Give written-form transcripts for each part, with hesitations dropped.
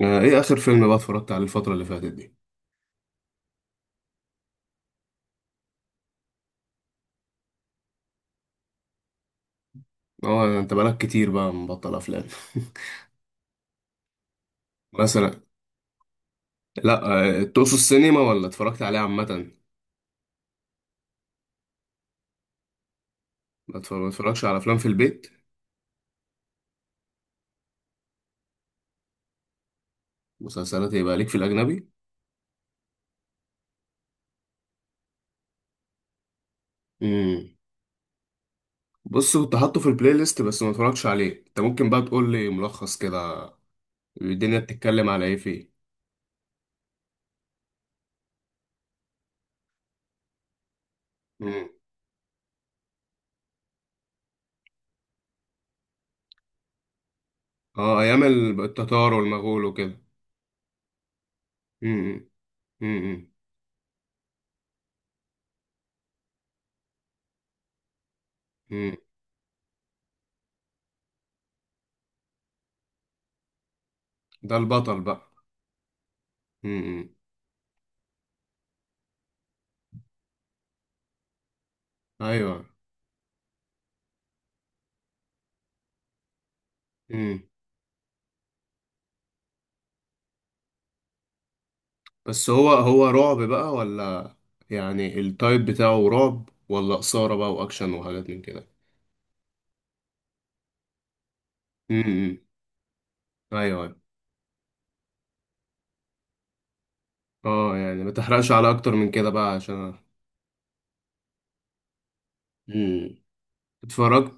ايه اخر فيلم بقى اتفرجت عليه الفترة اللي فاتت دي؟ اه انت بقالك كتير بقى مبطل افلام. مثلا؟ لا. تقصد السينما ولا اتفرجت عليه عامة؟ ما اتفرجش على افلام في البيت؟ مسلسلات يبقى ليك في الاجنبي؟ امم بص، كنت حاطه في البلاي ليست بس ما اتفرجتش عليه. انت ممكن بقى تقول لي ملخص كده، الدنيا بتتكلم على ايه فيه؟ امم اه، ايام التتار والمغول وكده. امم امم امم ده البطل بقى. امم. ايوه. بس هو رعب بقى ولا يعني التايب بتاعه رعب ولا إثارة بقى وأكشن وحاجات من كده؟ امم أيوه أيوه. أه يعني ما تحرقش على أكتر من كده بقى عشان. امم اتفرجت.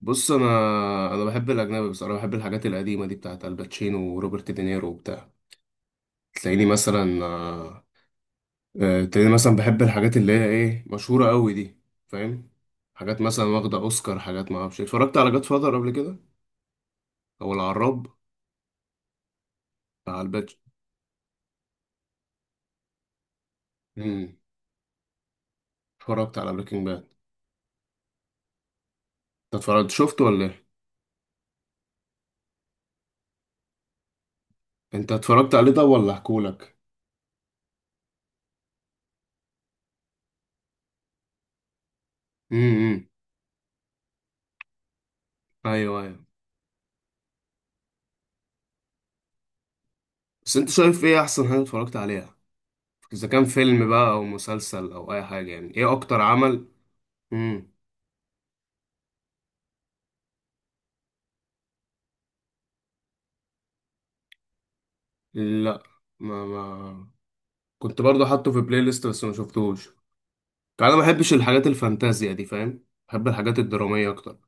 بص، أنا بحب الأجنبي بصراحة، بحب الحاجات القديمة دي بتاعت الباتشينو وروبرت دينيرو وبتاع. تلاقيني مثلا. تلاقيني مثلا بحب الحاجات اللي هي إيه، مشهورة أوي دي، فاهم؟ حاجات مثلا واخدة أوسكار، حاجات ما أعرفش إيه. اتفرجت على جاد فاذر قبل كده، أو العراب، بتاع الباتش. اتفرجت على بريكنج باد. انت اتفرجت شفته ولا ايه؟ انت اتفرجت عليه ده ولا احكولك؟ امم. ايوه ايوه. بس انت شايف ايه احسن حاجه اتفرجت عليها، اذا كان فيلم بقى او مسلسل او اي حاجه، يعني ايه اكتر عمل؟ امم. لا. ما ما كنت برضه حاطه في بلاي ليست بس ما شفتوش. يعني انا ما بحبش الحاجات الفانتازيا دي، فاهم، بحب الحاجات الدراميه اكتر.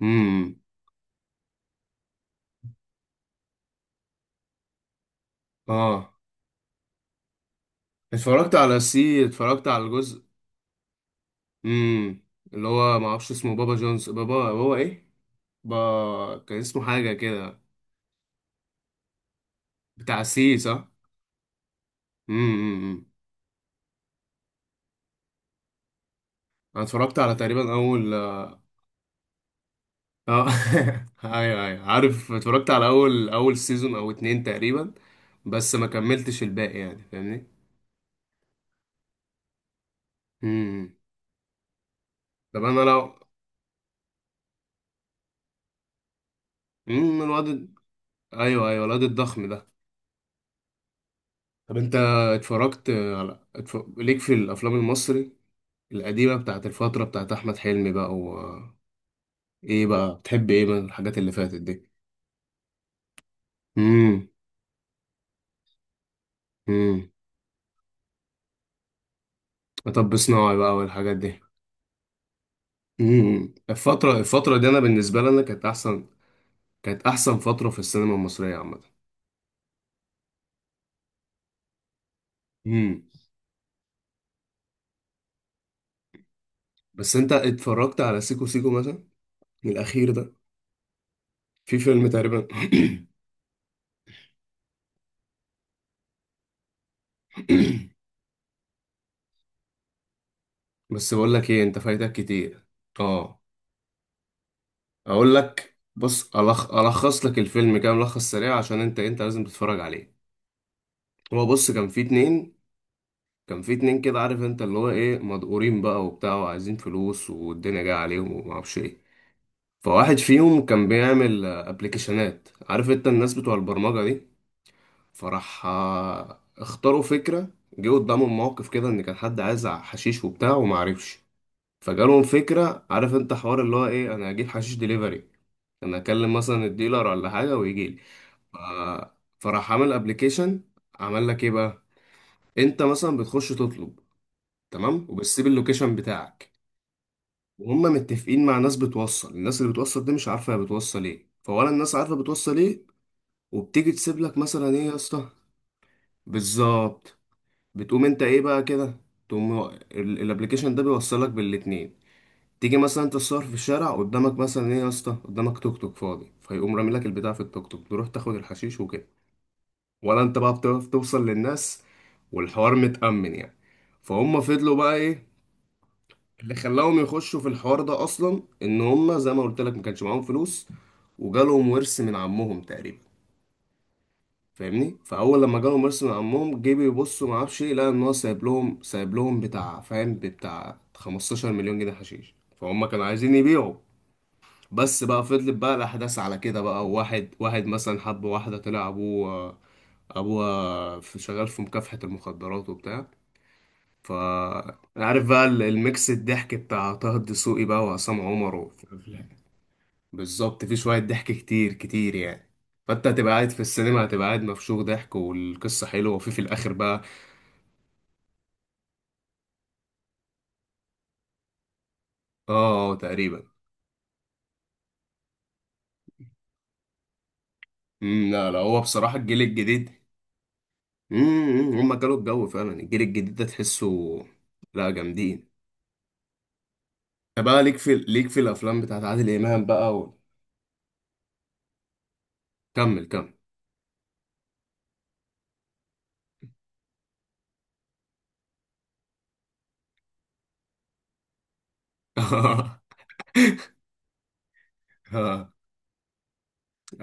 امم. اه، اتفرجت على سي، اتفرجت على الجزء. امم. اللي هو ما اعرفش اسمه، بابا جونز، بابا ايه، ب... كان اسمه حاجة كده. بتاع سي، صح؟ امم امم، امم. أنا اتفرجت على تقريبا أول، اه. أيوه أيوه عارف، اتفرجت على أول سيزون أو اتنين تقريبا، بس ما كملتش الباقي، يعني فاهمني؟ امم امم. طب أنا لو. امم. الواد. أيوه أيوه، الواد الضخم ده. طب أنت، ليك في الأفلام المصري القديمة بتاعت الفترة بتاعت أحمد حلمي بقى و، إيه بقى بتحب إيه من الحاجات اللي فاتت دي؟ امم امم. مطب صناعي بقى والحاجات دي. الفترة دي انا بالنسبة لي انا كانت احسن، كانت احسن فترة في السينما المصرية عامة. امم. بس انت اتفرجت على سيكو سيكو مثلا، الاخير ده؟ في فيلم تقريبا. بس بقول لك ايه، انت فايتك كتير. اه، اقول لك. بص، الخص لك الفيلم كده ملخص سريع عشان انت لازم تتفرج عليه. هو بص، كان في اتنين، كان في اتنين كده، عارف انت اللي هو ايه، مدقورين بقى وبتاع وعايزين فلوس والدنيا جايه عليهم ومعرفش ايه. فواحد فيهم كان بيعمل ابلكيشنات، عارف انت الناس بتوع البرمجة دي. فراح اختاروا فكرة، جه قدامهم موقف كده ان كان حد عايز حشيش وبتاع ومعرفش. فجالهم فكرة، عارف انت حوار اللي هو ايه، انا هجيب حشيش ديليفري، انا اكلم مثلا الديلر ولا حاجة ويجيلي. ف... فراح عامل ابلكيشن، عمل لك ايه بقى، انت مثلا بتخش تطلب، تمام، وبتسيب اللوكيشن بتاعك، وهم متفقين مع ناس بتوصل. الناس اللي بتوصل دي مش عارفه هي بتوصل ايه، فولا الناس عارفه بتوصل ايه. وبتيجي تسيب لك مثلا ايه يا اسطى، بالظبط. بتقوم انت ايه بقى كده، تقوم الابليكيشن ده بيوصلك بالاتنين. تيجي مثلا انت تصور في الشارع قدامك، مثلا ايه يا اسطى قدامك توك توك فاضي، فيقوم رامي لك البتاع في التوك توك، تروح تاخد الحشيش وكده، ولا انت بقى بتعرف توصل للناس، والحوار متأمن يعني. فهم فضلوا بقى ايه، اللي خلاهم يخشوا في الحوار ده اصلا ان هم زي ما قلت لك ما كانش معاهم فلوس، وجالهم ورث من عمهم تقريبا. فاهمني؟ فاول لما جالهم ورث من عمهم جه بيبصوا ما اعرفش ايه، لقى ان هو سايب لهم بتاع، فاهم، بتاع 15 مليون جنيه حشيش. فهم كانوا عايزين يبيعوا. بس بقى فضلت بقى الاحداث على كده بقى، واحد واحد مثلا حب واحده طلع ابوه، ابوه في، شغال في مكافحه المخدرات وبتاع. ف، عارف بقى الميكس الضحك بتاع طه الدسوقي بقى وعصام عمر و، بالظبط، في شوية ضحك كتير يعني. فانت هتبقى قاعد في السينما، هتبقى قاعد مفشوخ ضحك، والقصة حلوة، وفي الآخر بقى. اه، تقريبا. لا لا، هو بصراحة الجيل الجديد. مم، هما كانوا الجو فعلا، الجيل الجديد ده تحسه. لا، جامدين. طب بقى، ليك في الأفلام بتاعت عادل إمام بقى و، كمل كمل.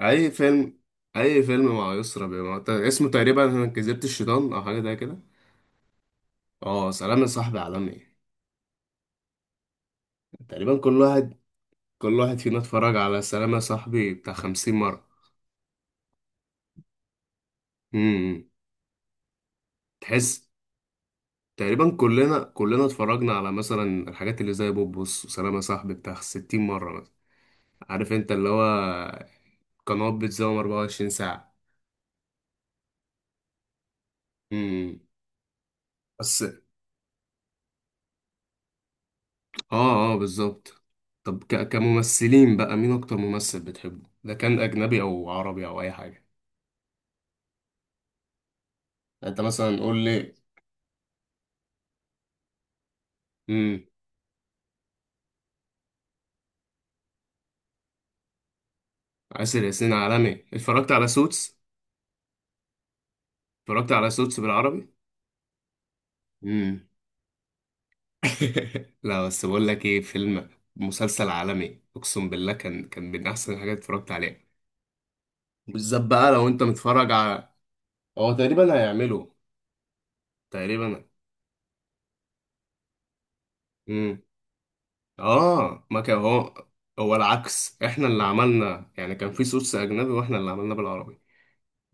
اي فيلم؟ اي فيلم مع يسرا بيبقى اسمه تقريبا أنا كذبت الشيطان او حاجه زي كده. اه، سلام يا صاحبي عالمي. تقريبا كل واحد، كل واحد فينا اتفرج على سلام يا صاحبي بتاع 50 مره. امم. تحس. تقريبا كلنا، كلنا اتفرجنا على مثلا الحاجات اللي زي بوبوس وسلام يا صاحبي بتاع 60 مره مثلا. عارف انت اللي هو قنوات بتزوم 24 ساعه. امم. بس. اه اه بالظبط. طب كممثلين بقى، مين اكتر ممثل بتحبه، ده كان اجنبي او عربي او اي حاجه؟ يعني انت مثلا قول لي. امم. آسر ياسين عالمي، اتفرجت على سوتس. اتفرجت على سوتس بالعربي. امم. لا بس بقول لك ايه، فيلم، مسلسل عالمي، اقسم بالله، كان من احسن الحاجات اللي اتفرجت عليها. بالذات بقى لو انت متفرج على، هو تقريبا هيعمله، تقريبا. امم. اه، ما كان هو، هو العكس، احنا اللي عملنا يعني، كان في صوص اجنبي واحنا اللي عملنا بالعربي،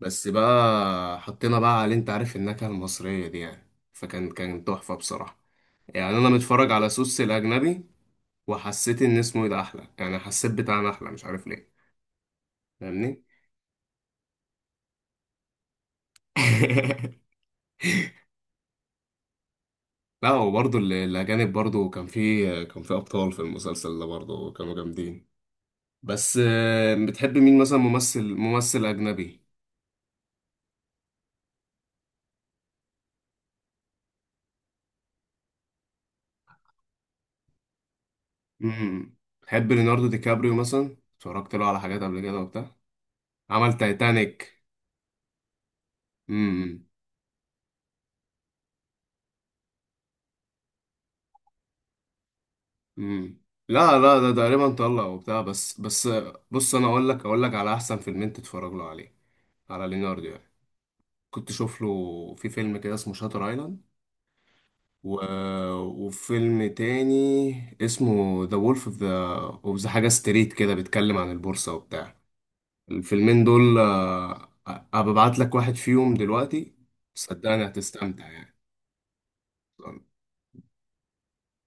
بس بقى حطينا بقى عليه انت عارف النكهة المصرية دي يعني. فكان تحفة بصراحة، يعني انا متفرج على صوص الاجنبي وحسيت ان اسمه ايه ده احلى، يعني حسيت بتاعنا احلى مش عارف ليه، فاهمني؟ لا، وبرضه الاجانب برضه كان في ابطال في المسلسل ده برضه كانوا جامدين. بس بتحب مين مثلا، ممثل، ممثل اجنبي؟ امم. تحب ليوناردو دي كابريو مثلا؟ اتفرجت له على حاجات قبل كده وبتاع، عمل تايتانيك. امم. امم. لا لا، ده تقريبا طلع وبتاع بس. بص انا اقول لك، اقول لك على احسن فيلمين تتفرج له عليه، على ليوناردو يعني. كنت شوف له في فيلم كده اسمه شاتر ايلاند، و، وفيلم تاني اسمه ذا وولف اوف ذا، اوف ذا حاجه ستريت كده، بيتكلم عن البورصه وبتاع. الفيلمين دول أبقى ابعت لك واحد فيهم دلوقتي، صدقني هتستمتع يعني.